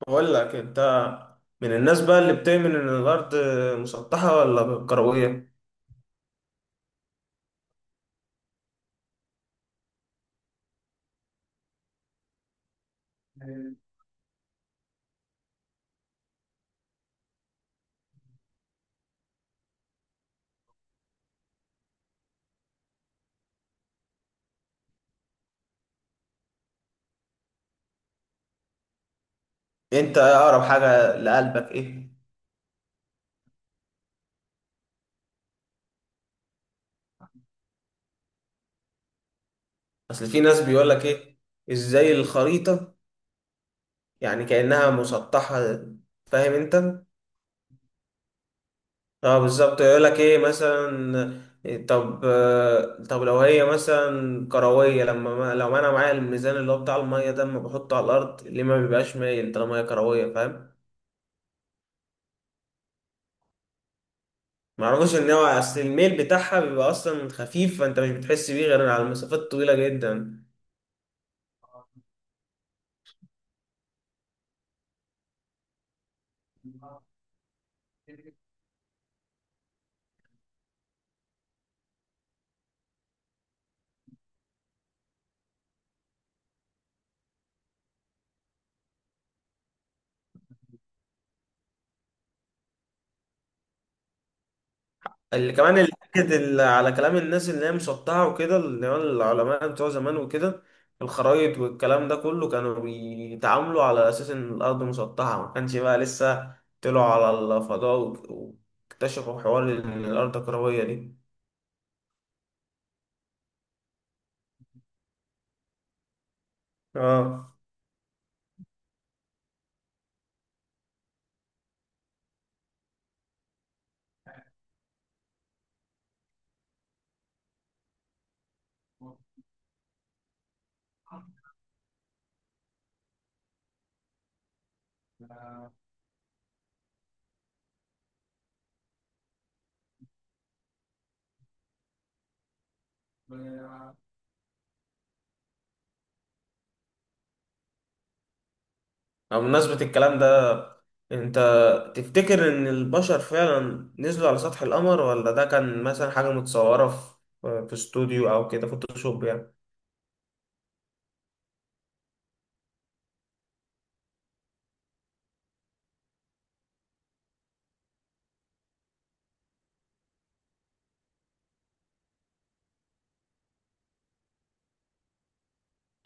بقول لك انت من الناس بقى اللي بتؤمن ان الارض مسطحه ولا كرويه؟ انت اقرب حاجه لقلبك ايه؟ اصل في ناس بيقول لك ايه، ازاي الخريطه يعني كانها مسطحه، فاهم انت؟ اه بالظبط، يقول لك ايه مثلا. طب، طب لو هي مثلا كرويه، لما لو انا معايا الميزان اللي هو بتاع الميه ده، لما بحطه على الارض ليه ما بيبقاش مايل طالما هي كرويه، فاهم؟ ما اعرفش ان هو اصل الميل بتاعها بيبقى اصلا خفيف، فانت مش بتحس بيه غير على المسافات الطويله جدا. اللي كمان اللي على كلام الناس اللي هي مسطحه وكده، اللي هو العلماء بتوع زمان وكده، الخرايط والكلام ده كله كانوا بيتعاملوا على اساس ان الارض مسطحه، ما كانش بقى لسه طلعوا على واكتشفوا حوار ان الارض كرويه دي. اه. أو بمناسبة الكلام ده، انت تفتكر ان البشر فعلا نزلوا على سطح القمر، ولا ده كان مثلا حاجة متصورة في في استوديو او كده فوتوشوب يعني؟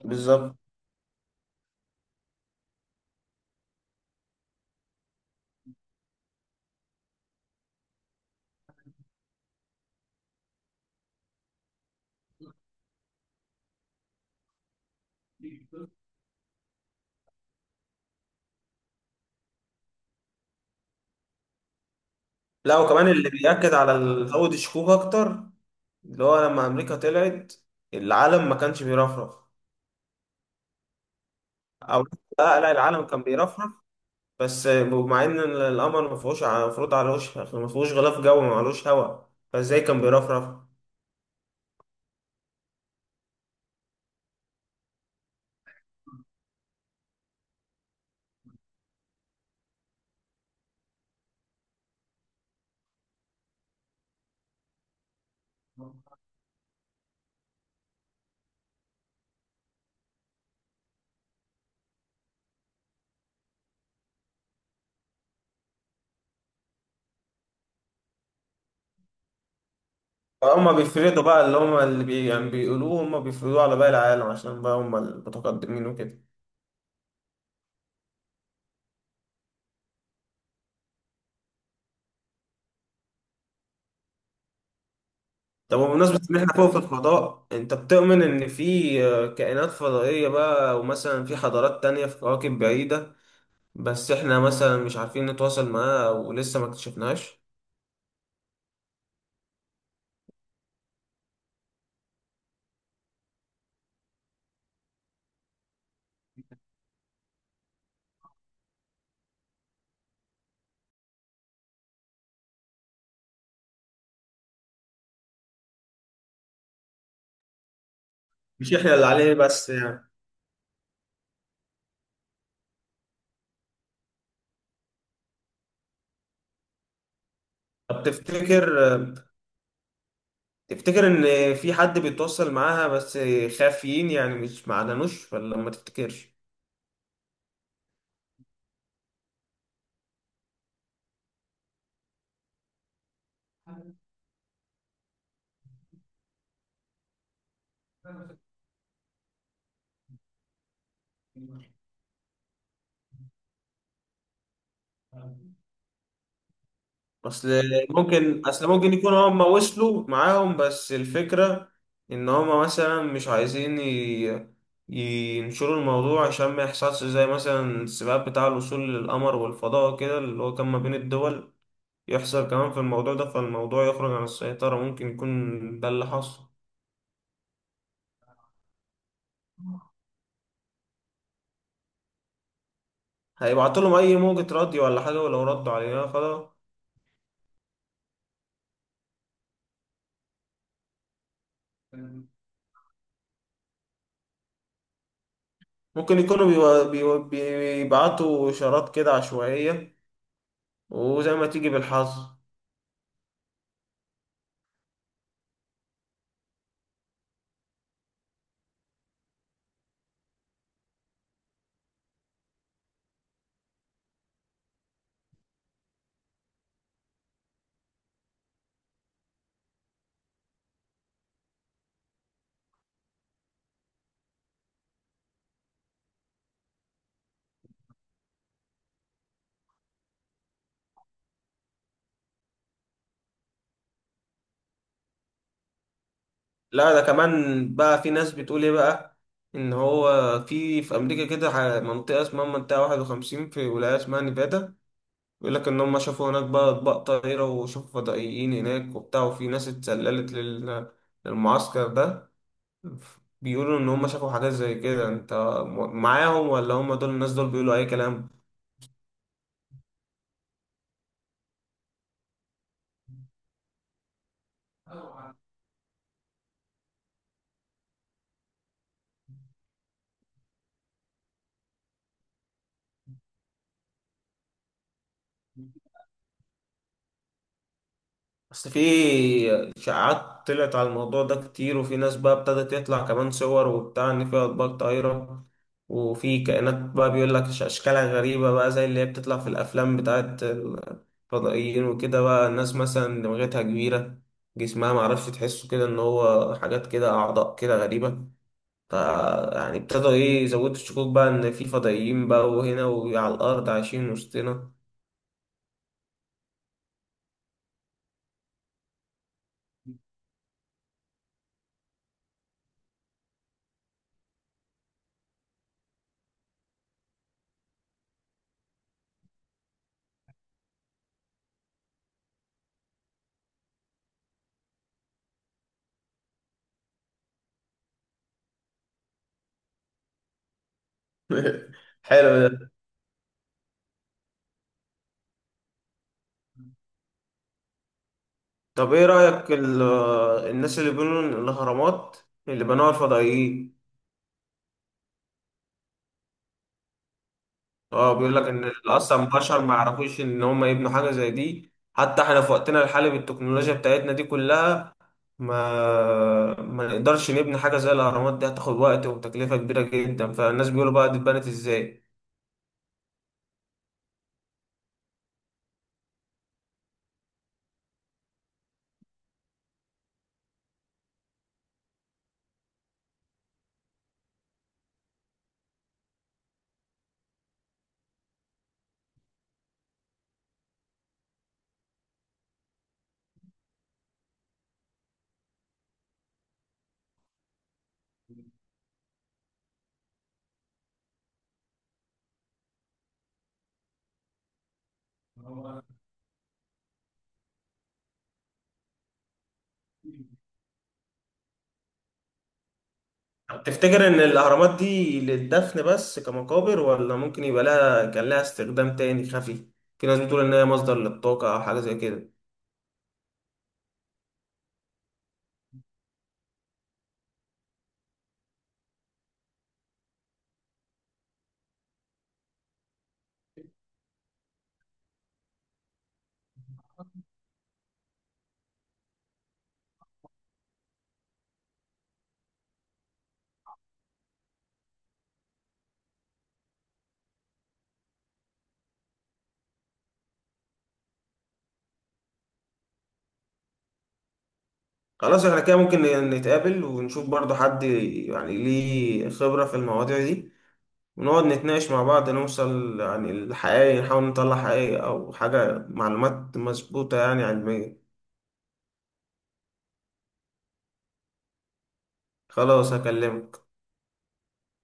بالظبط. لا وكمان اللي زود الشكوك اكتر، اللي هو لما امريكا طلعت العالم ما كانش بيرفرف. او، لا العالم كان بيرفرف، بس مع ان القمر ما المفروض على وش ما فيهوش غلاف جوي ما عليهوش هواء، فازاي كان بيرفرف؟ هما بيفردوا بقى اللي هما اللي بي يعني بيقولوه هما بيفردوه على باقي العالم عشان بقى هما المتقدمين وكده. طب وبمناسبة إن إحنا فوق في الفضاء، أنت بتؤمن إن في كائنات فضائية بقى ومثلا في حضارات تانية في كواكب بعيدة، بس إحنا مثلا مش عارفين نتواصل معاها ولسه ما اكتشفناهاش؟ مش إحنا اللي عليه بس يعني. طب تفتكر تفتكر إن في حد بيتواصل معاها بس خافيين يعني مش معلنوش، ولا ما تفتكرش؟ اصل ممكن، اصل ممكن يكون هم وصلوا معاهم، بس الفكرة ان هم مثلا مش عايزين ينشروا الموضوع عشان ما يحصلش زي مثلا السباق بتاع الوصول للقمر والفضاء كده اللي هو كان ما بين الدول، يحصل كمان في الموضوع ده فالموضوع يخرج عن السيطرة، ممكن يكون ده اللي حصل. هيبعتوا لهم اي موجة راديو ولا حاجة، ولو ردوا علينا خلاص. ممكن يكونوا بيبعتوا إشارات كده عشوائية، وزي ما تيجي بالحظ. لا ده كمان بقى في ناس بتقول ايه بقى، ان هو في في امريكا منطقه اسمها منطقه 51 في ولايه اسمها نيفادا، بيقول لك ان هم شافوا هناك بقى اطباق طايره وشافوا فضائيين هناك وبتاع، وفي ناس اتسللت للمعسكر ده، بيقولوا ان هم شافوا حاجات زي كده. انت معاهم ولا هم دول الناس دول بيقولوا اي كلام؟ اصل في اشاعات طلعت على الموضوع ده كتير، وفي ناس بقى ابتدت يطلع كمان صور وبتاع ان في اطباق طايره وفي كائنات بقى بيقول لك اشكالها غريبه بقى زي اللي هي بتطلع في الافلام بتاعت الفضائيين وكده، بقى الناس مثلا دماغتها كبيره، جسمها معرفش تحسه كده ان هو حاجات كده اعضاء كده غريبه. ف يعني ابتدوا ايه يزودوا الشكوك بقى ان في فضائيين بقى وهنا وعلى الارض عايشين وسطنا. حلو ده. طب ايه رأيك الناس اللي بيقولوا ان الاهرامات اللي بنوها الفضائيين؟ اه بيقول لك ان اصلا البشر ما يعرفوش ان هم يبنوا حاجة زي دي، حتى احنا في وقتنا الحالي بالتكنولوجيا بتاعتنا دي كلها ما نقدرش نبني حاجة زي الاهرامات دي، هتاخد وقت وتكلفة كبيرة جدا، فالناس بيقولوا بقى دي اتبنت ازاي. طب تفتكر ان الاهرامات دي للدفن بس كمقابر، ولا ممكن يبقى لها كان لها استخدام تاني خفي؟ في ناس بتقول ان هي مصدر للطاقة او حاجة زي كده. خلاص احنا كده ممكن نتقابل ونشوف برضو حد يعني ليه خبرة في المواضيع دي، ونقعد نتناقش مع بعض نوصل يعني الحقيقة، نحاول نطلع حقيقة أو حاجة معلومات مظبوطة يعني علمية. خلاص هكلمك.